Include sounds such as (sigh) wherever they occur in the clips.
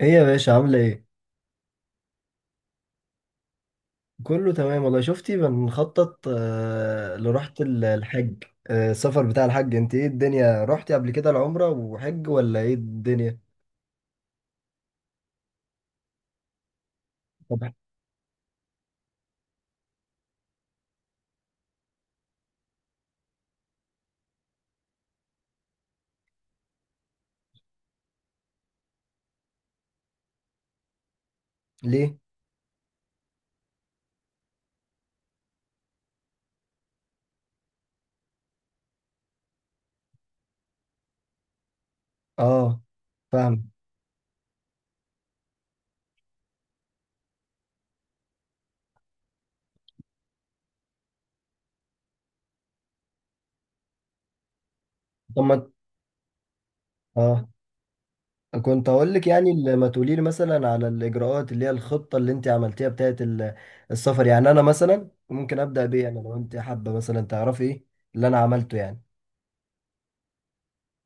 ايه يا باشا، عاملة ايه؟ كله تمام والله. شفتي بنخطط لرحلة الحج، السفر بتاع الحج. انت ايه الدنيا، رحتي قبل كده العمرة وحج ولا ايه الدنيا؟ طب، ليه؟ اه، فاهم. طب ما اه، كنت هقول لك يعني ما تقولي لي مثلا على الاجراءات اللي هي الخطة اللي انت عملتيها بتاعت السفر. يعني انا مثلا ممكن ابدأ بيه انا، لو انت حابة مثلا تعرفي ايه اللي انا عملته يعني.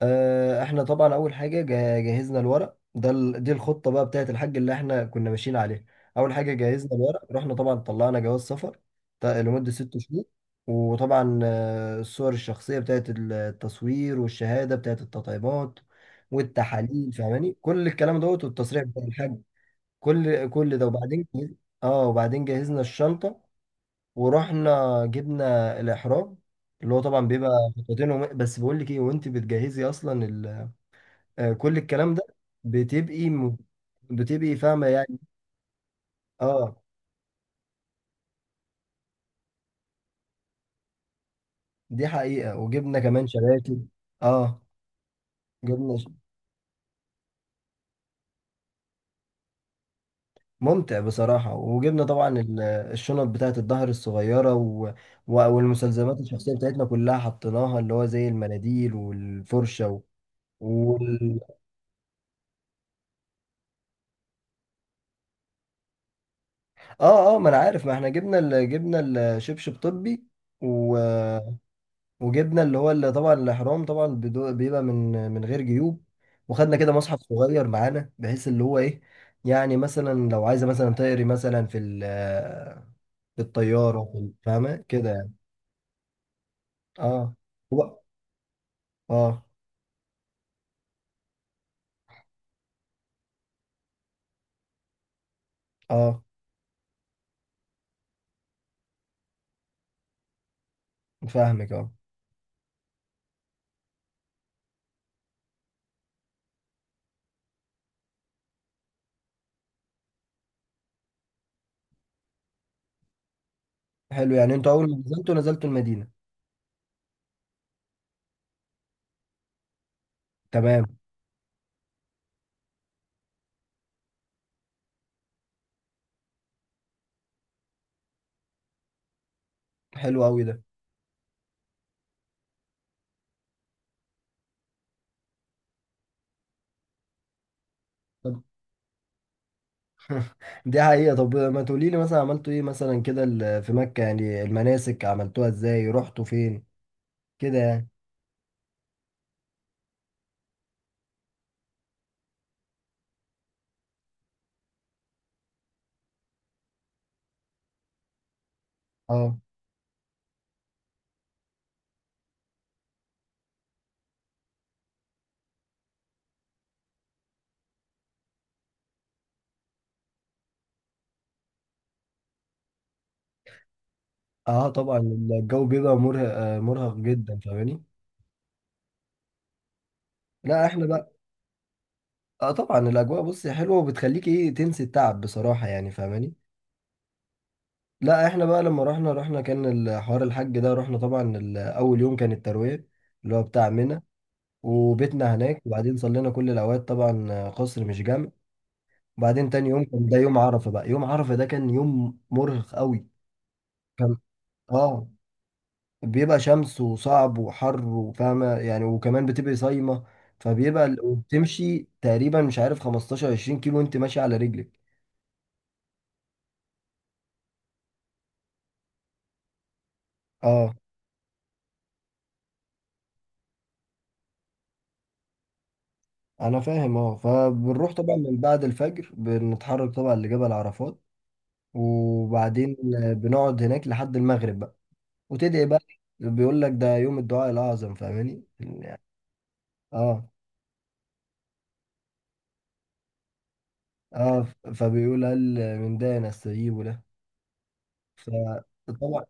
احنا طبعا اول حاجه جهزنا الورق ده، دي الخطه بقى بتاعت الحاج اللي احنا كنا ماشيين عليها. اول حاجه جهزنا الورق، رحنا طبعا طلعنا جواز سفر لمده 6 شهور. وطبعا الصور الشخصيه بتاعت التصوير، والشهاده بتاعت التطعيمات والتحاليل، فاهماني، كل الكلام دوت، والتصريح بتاع الحاج. كل ده، وبعدين اه، وبعدين جهزنا الشنطه ورحنا جبنا الاحرام اللي هو طبعا بيبقى خطوتين بس بقول لك ايه، وانت بتجهزي اصلا كل الكلام ده بتبقي م... بتبقي فاهمة يعني. اه، دي حقيقة. وجبنا كمان شباتي. اه، جبنا ش... ممتع بصراحة. وجبنا طبعا الشنط بتاعة الظهر الصغيرة، و... و... والمستلزمات الشخصية بتاعتنا كلها حطيناها، اللي هو زي المناديل والفرشة، و... وال... اه، اه، ما انا عارف، ما احنا جبنا ال... جبنا الشبشب طبي، و... وجبنا اللي هو اللي طبعا الاحرام طبعا بيبقى من غير جيوب. وخدنا كده مصحف صغير معانا، بحيث اللي هو ايه، يعني مثلا لو عايزه مثلا تقري مثلا في في الطياره في فاهمه كده يعني. اه، هو- اه، اه، فاهمك. اه، حلو. يعني انتوا اول ما نزلتوا نزلتوا المدينه؟ تمام. حلو قوي ده. طب. (laughs) دي حقيقه. طب، ما تقولي لي مثلا عملتوا ايه مثلا كده في مكه يعني، المناسك عملتوها ازاي، رحتوا فين كده يعني. اه، اه طبعا الجو بيبقى مرهق، مرهق جدا فاهماني. لا احنا بقى، اه طبعا الاجواء بصي حلوه، وبتخليك ايه تنسي التعب بصراحه يعني فاهماني. لا احنا بقى لما رحنا، رحنا كان الحوار الحج ده، رحنا طبعا اول يوم كان الترويه اللي هو بتاع منى. وبيتنا هناك. وبعدين صلينا كل الاوقات طبعا، قصر مش جامع. وبعدين تاني يوم كان ده يوم عرفه بقى. يوم عرفه ده كان يوم مرهق قوي. كان، اه، بيبقى شمس وصعب وحر، وفاهمة يعني، وكمان بتبقي صايمة. فبيبقى وبتمشي تقريبا مش عارف 15 20 كيلو وانت ماشي على رجلك. اه، انا فاهم. اه، فبنروح طبعا من بعد الفجر، بنتحرك طبعا لجبل عرفات. وبعدين بنقعد هناك لحد المغرب بقى، وتدعي بقى. بيقول لك ده يوم الدعاء الاعظم فاهماني يعني. اه، اه، فبيقول هل من ده نستجيب له. فطبعا،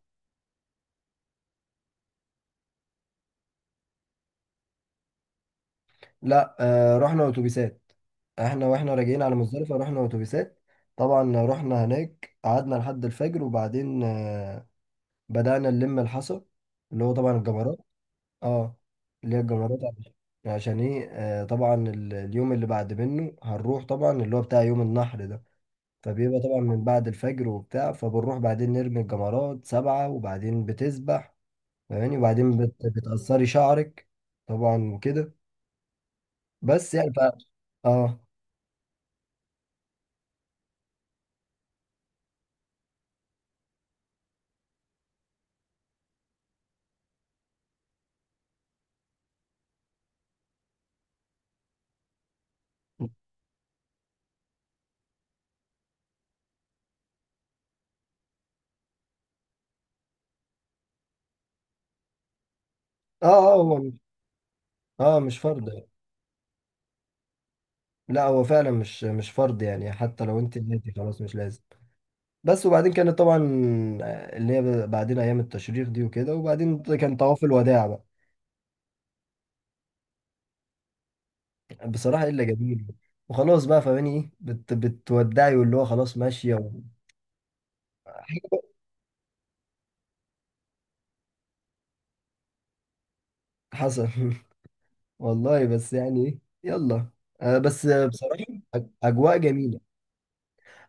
لا آه رحنا اتوبيسات. احنا واحنا راجعين على مزدلفة رحنا اتوبيسات. طبعا رحنا هناك، قعدنا لحد الفجر، وبعدين آه، بدأنا نلم الحصى، اللي هو طبعا الجمرات. اه، اللي هي الجمرات عشان ايه، آه طبعا اليوم اللي بعد منه هنروح طبعا اللي هو بتاع يوم النحر ده. فبيبقى طبعا من بعد الفجر وبتاع، فبنروح بعدين نرمي الجمرات 7، وبعدين بتسبح فاهماني. وبعدين بتقصري شعرك طبعا كده. بس يعني ف... اه، اه، اه، هو اه مش فرض. لا هو فعلا مش فرض يعني، حتى لو انت نادي خلاص مش لازم. بس وبعدين كانت طبعا اللي هي بعدين ايام التشريق دي وكده، وبعدين كان طواف الوداع بقى. بصراحه الا جميل. وخلاص بقى فاهماني ايه، بت بتودعي واللي هو خلاص ماشيه. و... حصل. (laughs) والله بس يعني ايه. يلا. آه بس بصراحه، اجواء جميله.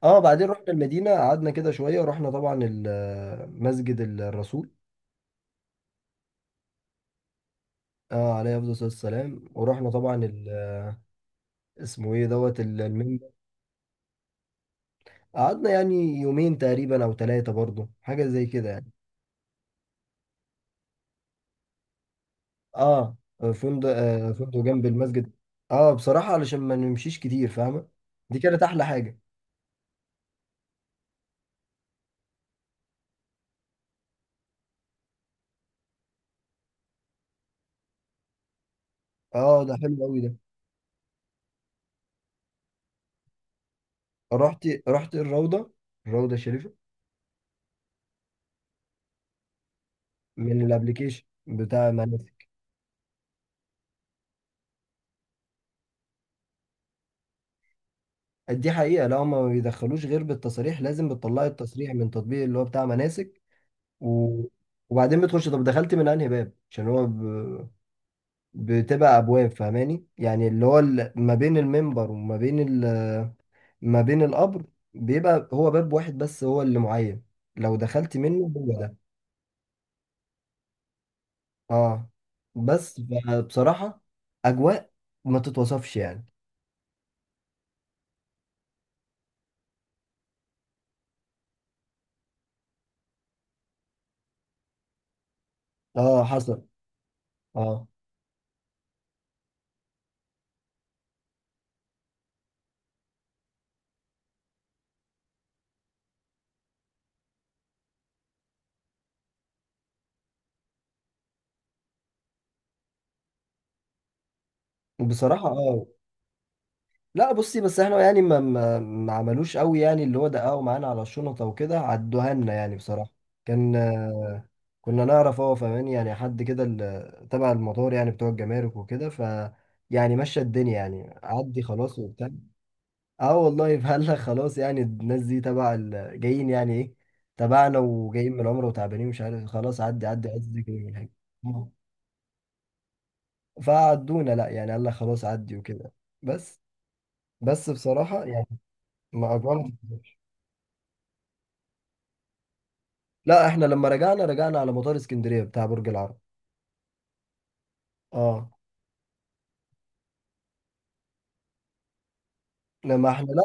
اه، بعدين رحنا المدينه، قعدنا كده شويه، ورحنا طبعا مسجد الرسول. اه، عليه افضل الصلاه والسلام. ورحنا طبعا اسمه ايه دوت المنبر. قعدنا يعني يومين تقريبا او 3 برضه، حاجه زي كده يعني. اه، فندق، آه فندق جنب المسجد. اه، بصراحه علشان ما نمشيش كتير فاهمه. دي كانت احلى حاجه. اه، ده حلو قوي ده. رحت رحت الروضه، الروضه الشريفه. من الابليكيشن بتاع مناسك. دي حقيقه. لا هما ما بيدخلوش غير بالتصاريح. لازم بتطلعي التصريح من تطبيق اللي هو بتاع مناسك. و... وبعدين بتخش، طب دخلت من انهي باب، عشان هو بتبقى ابواب فاهماني يعني، اللي هو ما بين المنبر وما بين ما بين القبر، بيبقى هو باب واحد بس هو اللي معين. لو دخلت منه هو ده. اه، بس بصراحة اجواء ما تتوصفش يعني. اه، حصل. اه بصراحة. اه، لا بصي، بس احنا يعني ما عملوش قوي يعني، اللي هو دققوا معانا على الشنطة وكده، عدوها لنا يعني بصراحة. كان كنا نعرف، هو فاهمين يعني، حد كده تبع المطار يعني، بتوع الجمارك وكده، ف يعني مشى الدنيا يعني، عدي خلاص وبتاع. اه، والله فهلا خلاص يعني، الناس دي تبع جايين يعني ايه، تبعنا وجايين من العمرة وتعبانين مش عارف، خلاص عدي عدي عدي كده من حاجة. فعدونا، لا يعني قال لك خلاص عدي وكده. بس، بصراحة يعني، ما أجرمت. لا احنا لما رجعنا، رجعنا على مطار اسكندرية بتاع برج العرب. اه، لما احنا لا،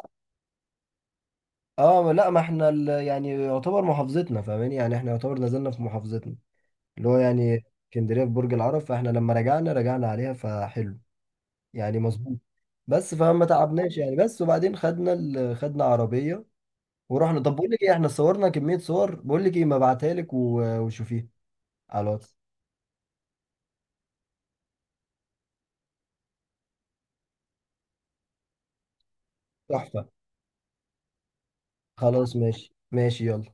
اه، لا ما احنا يعني يعتبر محافظتنا فاهماني يعني، احنا يعتبر نزلنا في محافظتنا اللي هو يعني اسكندرية في برج العرب، فاحنا لما رجعنا رجعنا عليها فحلو يعني مظبوط. بس فما تعبناش يعني، بس وبعدين خدنا ال... خدنا عربية، ورحنا. طب بقول لك ايه، احنا صورنا كمية صور، بقول لك ايه، ما ابعتها لك و... وشوفيها على الواتس. تحفة. خلاص ماشي ماشي، يلا.